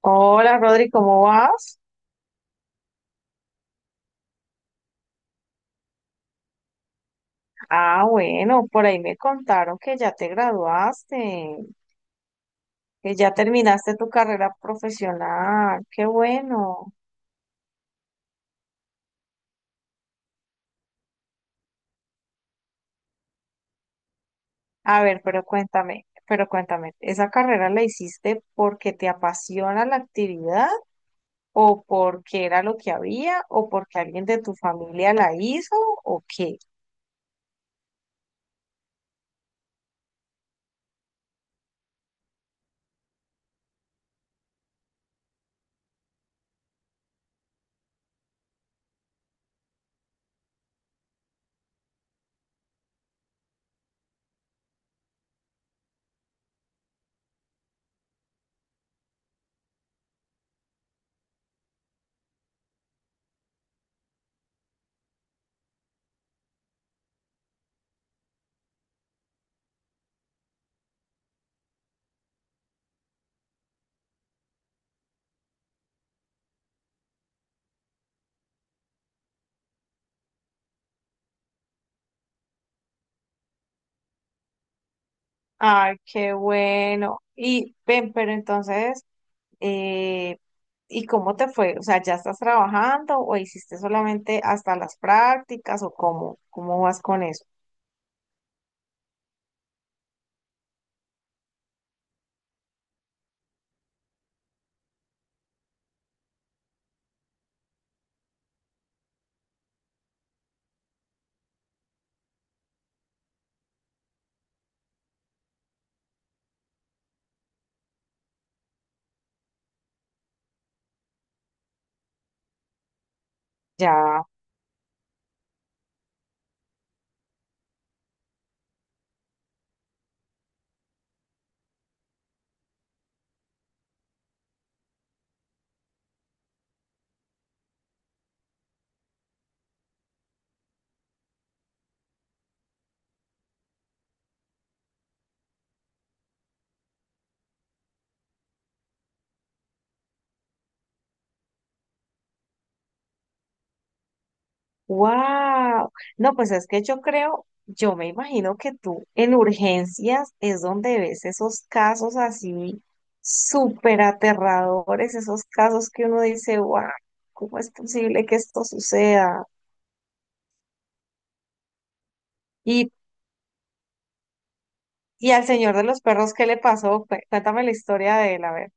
Hola Rodri, ¿cómo vas? Ah, bueno, por ahí me contaron que ya te graduaste, que ya terminaste tu carrera profesional. Qué bueno. A ver, pero cuéntame, ¿esa carrera la hiciste porque te apasiona la actividad o porque era lo que había o porque alguien de tu familia la hizo o qué? Ay, qué bueno. Y ven, pero entonces... Eh, ¿y cómo te fue? O sea, ¿ya estás trabajando o hiciste solamente hasta las prácticas o cómo? ¿Cómo vas con eso? Ya, wow. No, pues es que yo creo, yo me imagino que tú en urgencias es donde ves esos casos así súper aterradores, esos casos que uno dice, wow, ¿cómo es posible que esto suceda? Y, y al señor de los perros, ¿qué le pasó? Cuéntame la historia de él, a ver.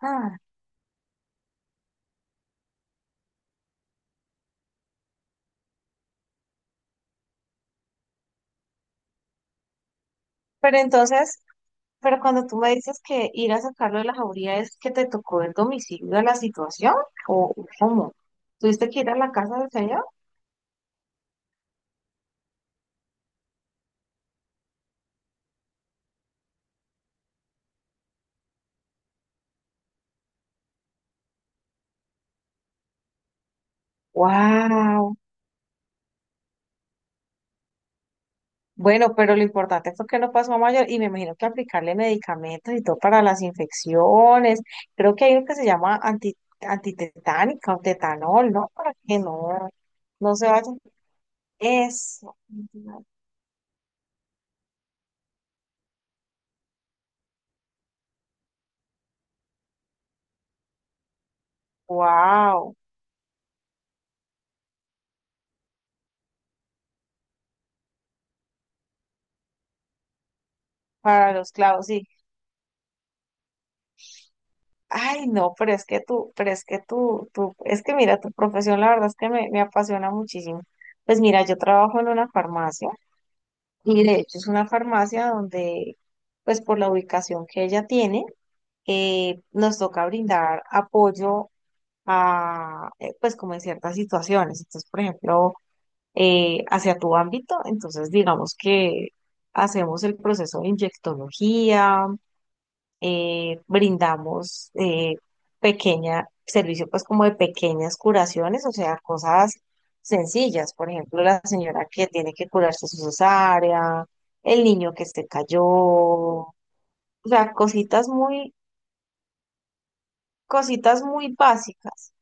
¡Wow! Pero entonces, pero cuando tú me dices que ir a sacarlo de la jauría es que te tocó el domicilio de la situación, ¿o cómo? ¿Tuviste que ir a la casa del señor? ¡Wow! Bueno, pero lo importante fue que no pasó a mayor y me imagino que aplicarle medicamentos y todo para las infecciones. Creo que hay uno que se llama antitetánica o tetanol, ¿no? Para que no, no se vaya. Eso. ¡Wow! Para los clavos, sí. Ay, no, pero es que tú, pero es que tú, es que mira, tu profesión la verdad es que me apasiona muchísimo. Pues mira, yo trabajo en una farmacia y de hecho es una farmacia donde, pues por la ubicación que ella tiene, nos toca brindar apoyo a, pues como en ciertas situaciones. Entonces, por ejemplo, hacia tu ámbito, entonces digamos que hacemos el proceso de inyectología, brindamos servicio pues como de pequeñas curaciones, o sea, cosas sencillas. Por ejemplo, la señora que tiene que curarse su cesárea, el niño que se cayó, o sea, cositas muy básicas.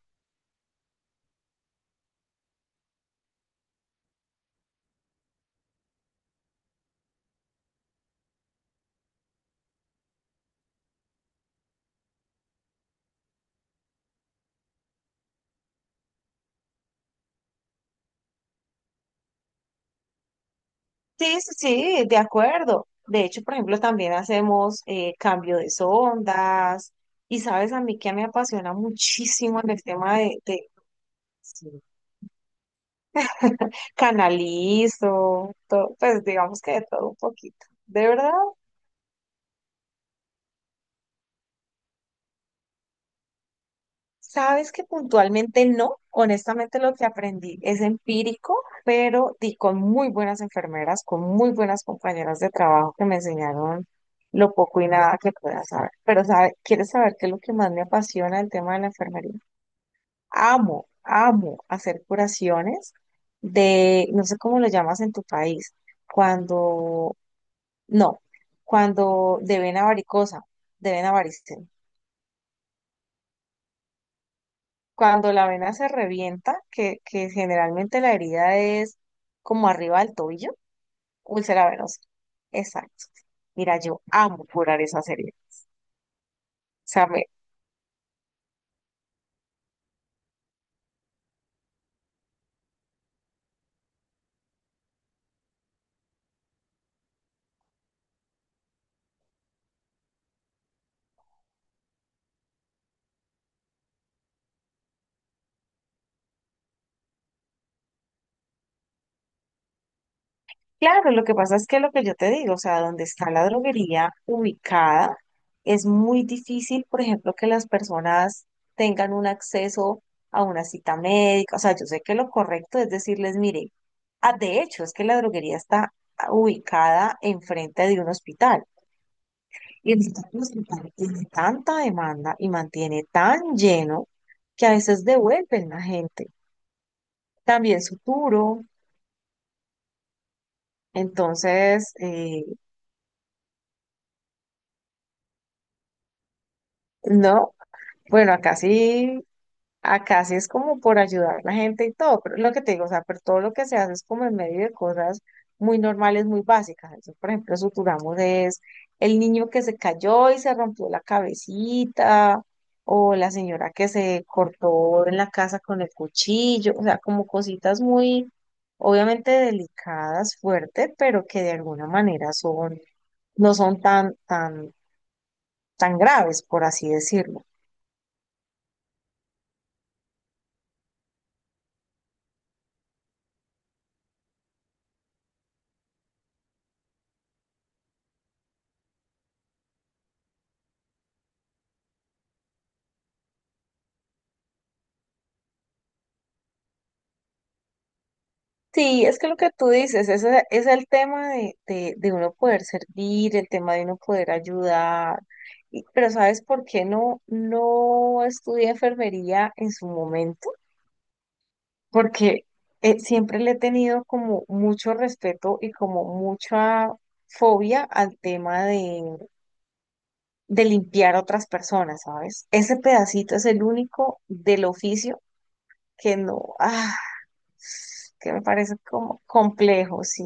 Sí, sí, sí, de acuerdo. De hecho, por ejemplo, también hacemos cambio de sondas. Y sabes, a mí que me apasiona muchísimo en el tema de, sí, canalizo, todo, pues digamos que de todo un poquito. De verdad, sabes que puntualmente no, honestamente lo que aprendí es empírico, pero di con muy buenas enfermeras, con muy buenas compañeras de trabajo que me enseñaron lo poco y nada que pueda saber. Pero sabe, ¿quieres saber qué es lo que más me apasiona el tema de la enfermería? Amo, amo hacer curaciones de, no sé cómo lo llamas en tu país, cuando no, cuando de vena varicosa, de vena varicela. Cuando la vena se revienta, que generalmente la herida es como arriba del tobillo, úlcera venosa. Exacto. Mira, yo amo curar esa heridas. O sea, me, claro, lo que pasa es que lo que yo te digo, o sea, donde está la droguería ubicada, es muy difícil, por ejemplo, que las personas tengan un acceso a una cita médica. O sea, yo sé que lo correcto es decirles, mire, ah, de hecho, es que la droguería está ubicada enfrente de un hospital. Y el hospital tiene tanta demanda y mantiene tan lleno que a veces devuelven la gente. También su puro. Entonces, no. Bueno, acá sí es como por ayudar a la gente y todo, pero es lo que te digo, o sea, pero todo lo que se hace es como en medio de cosas muy normales, muy básicas. Entonces, por ejemplo, suturamos es el niño que se cayó y se rompió la cabecita, o la señora que se cortó en la casa con el cuchillo, o sea, como cositas muy, obviamente delicadas, fuertes, pero que de alguna manera son, no son tan, tan, tan graves, por así decirlo. Sí, es que lo que tú dices, ese es el tema de uno poder servir, el tema de uno poder ayudar. Pero ¿sabes por qué no, no estudié enfermería en su momento? Porque siempre le he tenido como mucho respeto y como mucha fobia al tema de limpiar a otras personas, ¿sabes? Ese pedacito es el único del oficio que no, ah, que me parece como complejo, sí.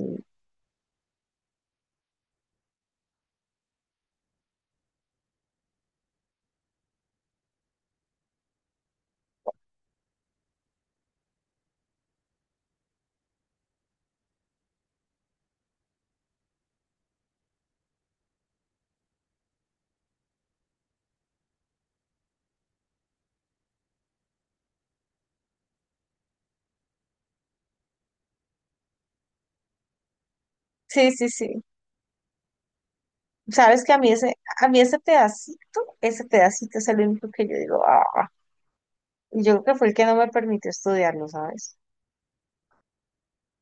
Sí, sí, sí. Sabes que a mí ese pedacito es el único que yo digo, ah, y yo creo que fue el que no me permitió estudiarlo, ¿sabes?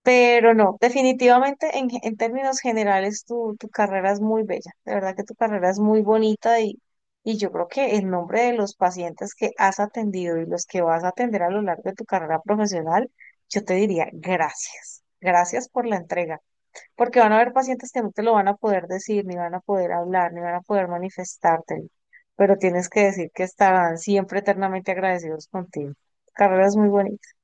Pero no, definitivamente en, en términos generales tu carrera es muy bella, de verdad que tu carrera es muy bonita y yo creo que en nombre de los pacientes que has atendido y los que vas a atender a lo largo de tu carrera profesional, yo te diría gracias, gracias por la entrega. Porque van a haber pacientes que no te lo van a poder decir, ni van a poder hablar, ni van a poder manifestártelo, pero tienes que decir que estarán siempre eternamente agradecidos contigo. Carreras muy bonitas.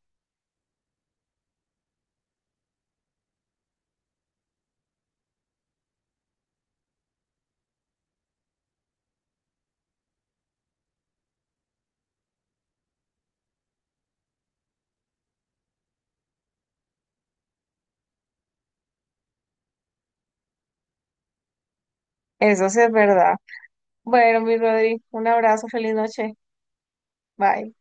Eso sí es verdad. Bueno, mi Rodri, un abrazo, feliz noche. Bye.